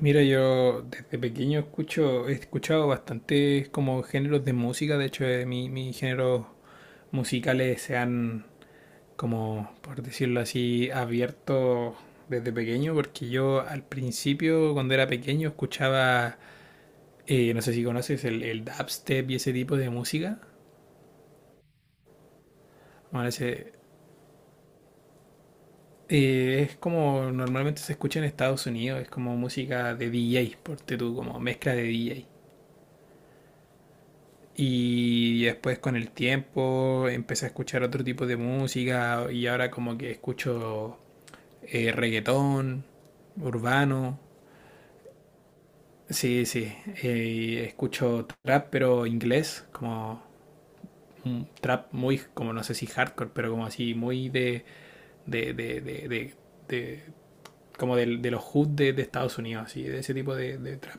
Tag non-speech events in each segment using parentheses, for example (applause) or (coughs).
Mira, yo desde pequeño escucho, he escuchado bastantes como géneros de música, de hecho mis géneros musicales se han, como, por decirlo así, abierto desde pequeño, porque yo al principio, cuando era pequeño, escuchaba, no sé si conoces el dubstep y ese tipo de música. Bueno, es como normalmente se escucha en Estados Unidos, es como música de DJ, por tú, como mezcla de DJ. Y después con el tiempo empecé a escuchar otro tipo de música y ahora como que escucho reggaetón, urbano, sí, sí, escucho trap pero inglés, como un trap muy, como no sé si hardcore, pero como así muy de, de, de, de, de- de- como de, los hood de Estados Unidos, así, de ese tipo de trap.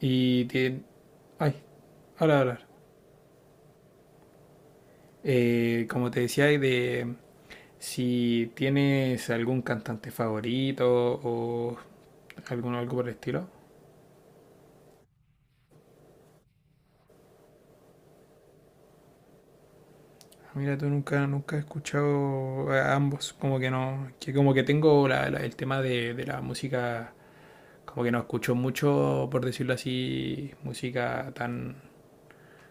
Y tiene, ay. Ahora, ahora. Como te decía, si tienes algún cantante favorito o alguno algo por el estilo. Ah, mira, tú nunca, nunca he escuchado a ambos, como que no, que como que tengo el tema de, la música, como que no escucho mucho, por decirlo así, música tan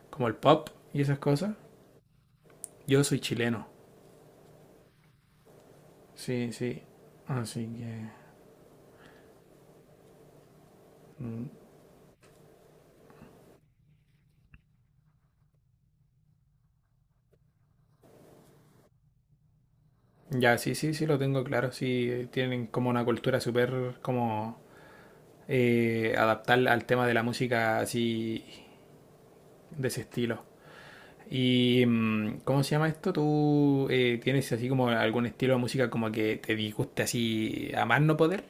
como el pop y esas cosas. Yo soy chileno, sí, sí, así que. Mm, ya, sí, sí, sí, lo tengo claro, sí, tienen como una cultura súper como adaptar al tema de la música así de ese estilo. ¿Y cómo se llama esto? ¿Tú tienes así como algún estilo de música como que te disguste así a más no poder?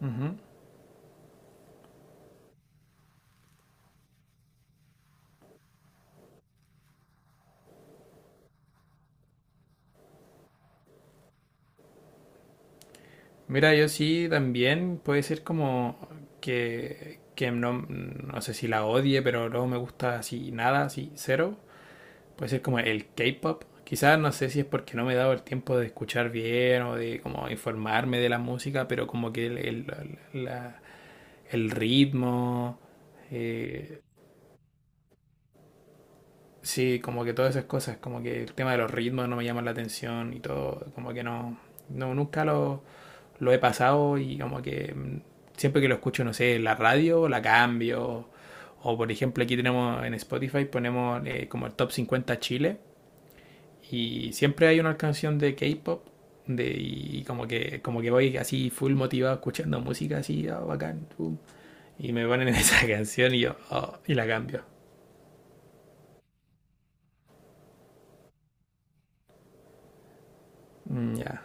Ujú. Mira, yo sí también puede ser como que no, no sé si la odie, pero no me gusta así nada, así cero. Puede ser como el K-pop. Quizás no sé si es porque no me he dado el tiempo de escuchar bien o de como informarme de la música, pero como que la- el ritmo, eh, sí, como que todas esas cosas, como que el tema de los ritmos no me llama la atención y todo, como que no, no nunca lo he pasado y como que siempre que lo escucho, no sé, la radio la cambio. O por ejemplo aquí tenemos en Spotify, ponemos como el top 50 Chile. Y siempre hay una canción de K-pop de, y como que voy así full motivado escuchando música así, ah, bacán, pum, y me ponen (laughs) esa canción y yo, oh, y la cambio. Mm, ya,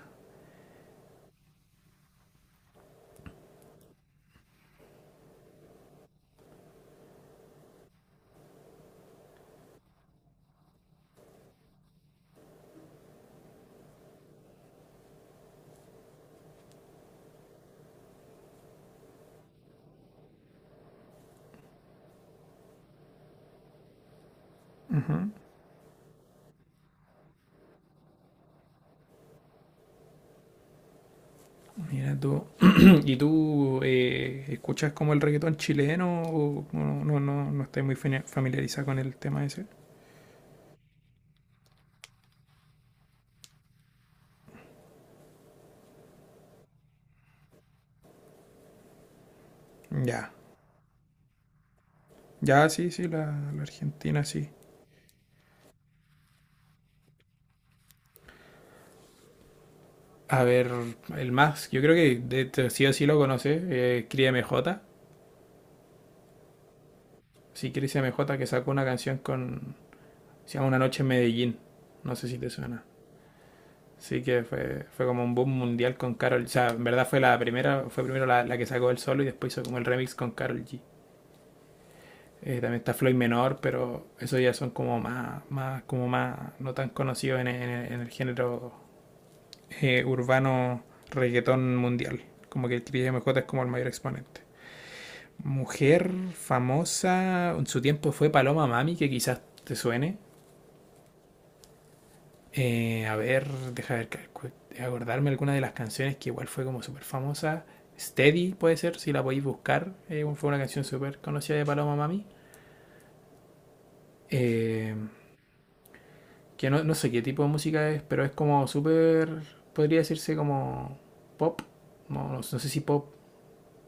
mira tú. (clears throat) (coughs) ¿Y tú escuchas como el reggaetón chileno o no, no, no, no estás muy familiarizada con el tema ese? Ya, ya, sí, sí, la Argentina sí. A ver, el más, yo creo que sí o sí lo conoces, Cría MJ. Sí, Chris MJ, que sacó una canción con. Se llama Una Noche en Medellín. No sé si te suena. Sí, que fue como un boom mundial con Carol. O sea, en verdad fue la primera, fue primero la que sacó el solo y después hizo como el remix con Carol G. También está Floyd Menor, pero esos ya son como más, más, como más, no tan conocidos en el género urbano, reggaetón mundial. Como que el Chris MJ es como el mayor exponente. Mujer famosa, en su tiempo fue Paloma Mami, que quizás te suene. A ver, deja ver, acordarme alguna de las canciones que igual fue como súper famosa. Steady puede ser, si la podéis buscar. Fue una canción súper conocida de Paloma Mami. Eh, que no, no sé qué tipo de música es, pero es como súper, podría decirse como pop. No, no, no sé si pop,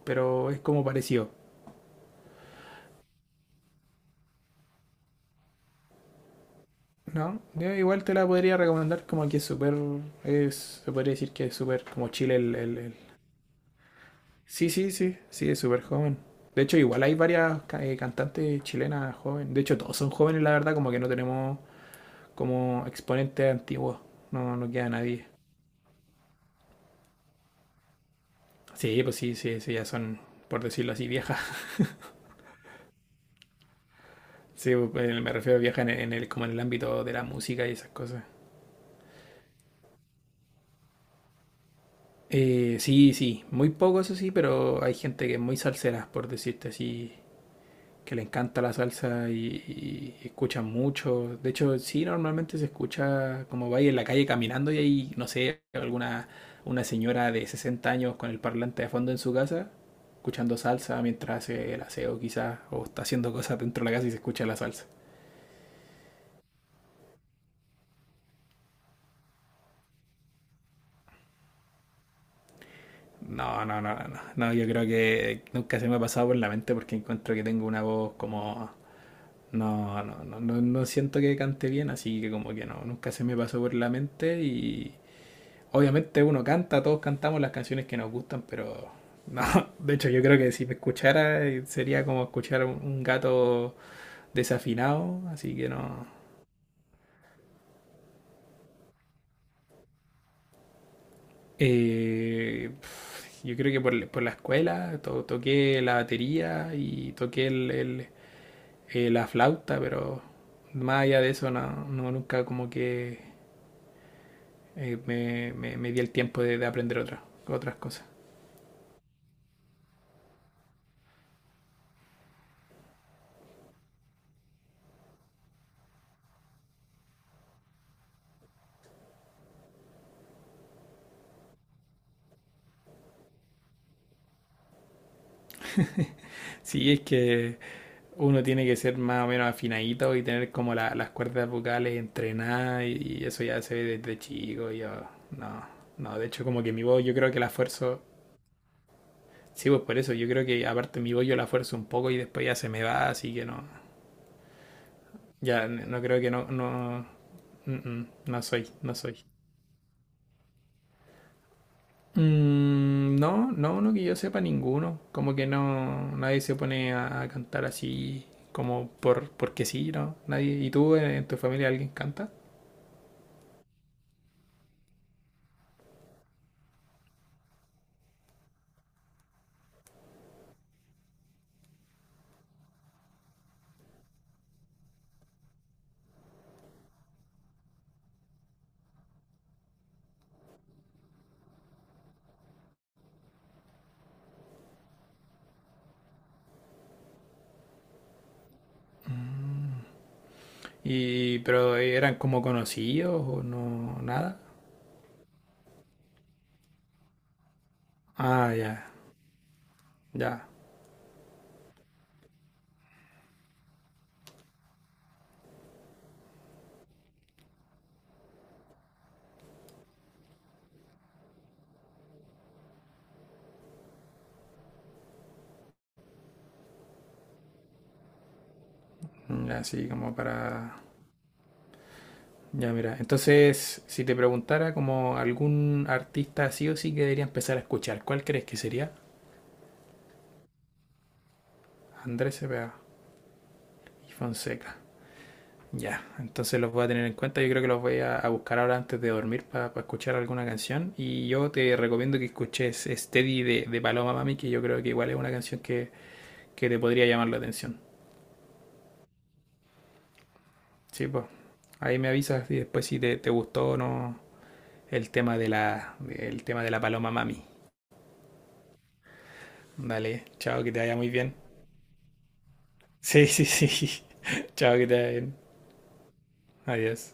pero es como parecido. No, yo igual te la podría recomendar, como que es súper, se podría decir que es súper como chile. Sí, sí, sí, sí, es súper joven. De hecho, igual hay varias cantantes chilenas jóvenes. De hecho, todos son jóvenes, la verdad, como que no tenemos como exponentes antiguos. No, no queda nadie. Sí, pues sí, sí, sí, ya son, por decirlo así, viejas. (laughs) Sí, pues, me refiero a viejas en el, como en el ámbito de la música y esas cosas. Sí, sí, muy poco eso sí, pero hay gente que es muy salsera, por decirte así, que le encanta la salsa y escuchan mucho. De hecho, sí, normalmente se escucha, como vais en la calle caminando, y hay, no sé, alguna una señora de 60 años con el parlante de fondo en su casa, escuchando salsa mientras hace el aseo quizás, o está haciendo cosas dentro de la casa y se escucha la salsa. No, no, no, no, no, no, yo creo que nunca se me ha pasado por la mente porque encuentro que tengo una voz como. No, no, no, no, no siento que cante bien, así que como que no, nunca se me pasó por la mente. Y obviamente uno canta, todos cantamos las canciones que nos gustan, pero no, (laughs) de hecho yo creo que si me escuchara, sería como escuchar un gato desafinado, así que no. Yo creo que por la escuela toqué la batería y toqué la flauta, pero más allá de eso no, no, nunca como que, me di el tiempo de aprender otras cosas. Sí, es que uno tiene que ser más o menos afinadito y tener como las cuerdas vocales entrenadas, y eso ya se ve desde chico. Yo, no, no, de hecho como que mi voz yo creo que la fuerzo, sí, pues por eso, yo creo que aparte mi voz yo la fuerzo un poco y después ya se me va, así que no, ya no creo que, no, no, no soy, no soy. Mm, no, no, no que yo sepa ninguno, como que no, nadie se pone a cantar así como porque sí, ¿no? Nadie. ¿Y tú en tu familia alguien canta? Y, pero eran como conocidos o no, nada. Ah, ya. Ya, ya, sí, como para. Ya, mira, entonces, si te preguntara como algún artista sí o sí que debería empezar a escuchar, ¿cuál crees que sería? Andrés Cepeda y Fonseca. Ya, entonces los voy a tener en cuenta. Yo creo que los voy a buscar ahora antes de dormir para escuchar alguna canción. Y yo te recomiendo que escuches Steady de Paloma Mami, que yo creo que igual es una canción que te podría llamar la atención. Sí, pues. Ahí me avisas y después si te gustó o no el tema de la Paloma Mami. Dale, chao, que te vaya muy bien. Sí, sí, sí. (laughs) Chao, que te vaya bien. Adiós.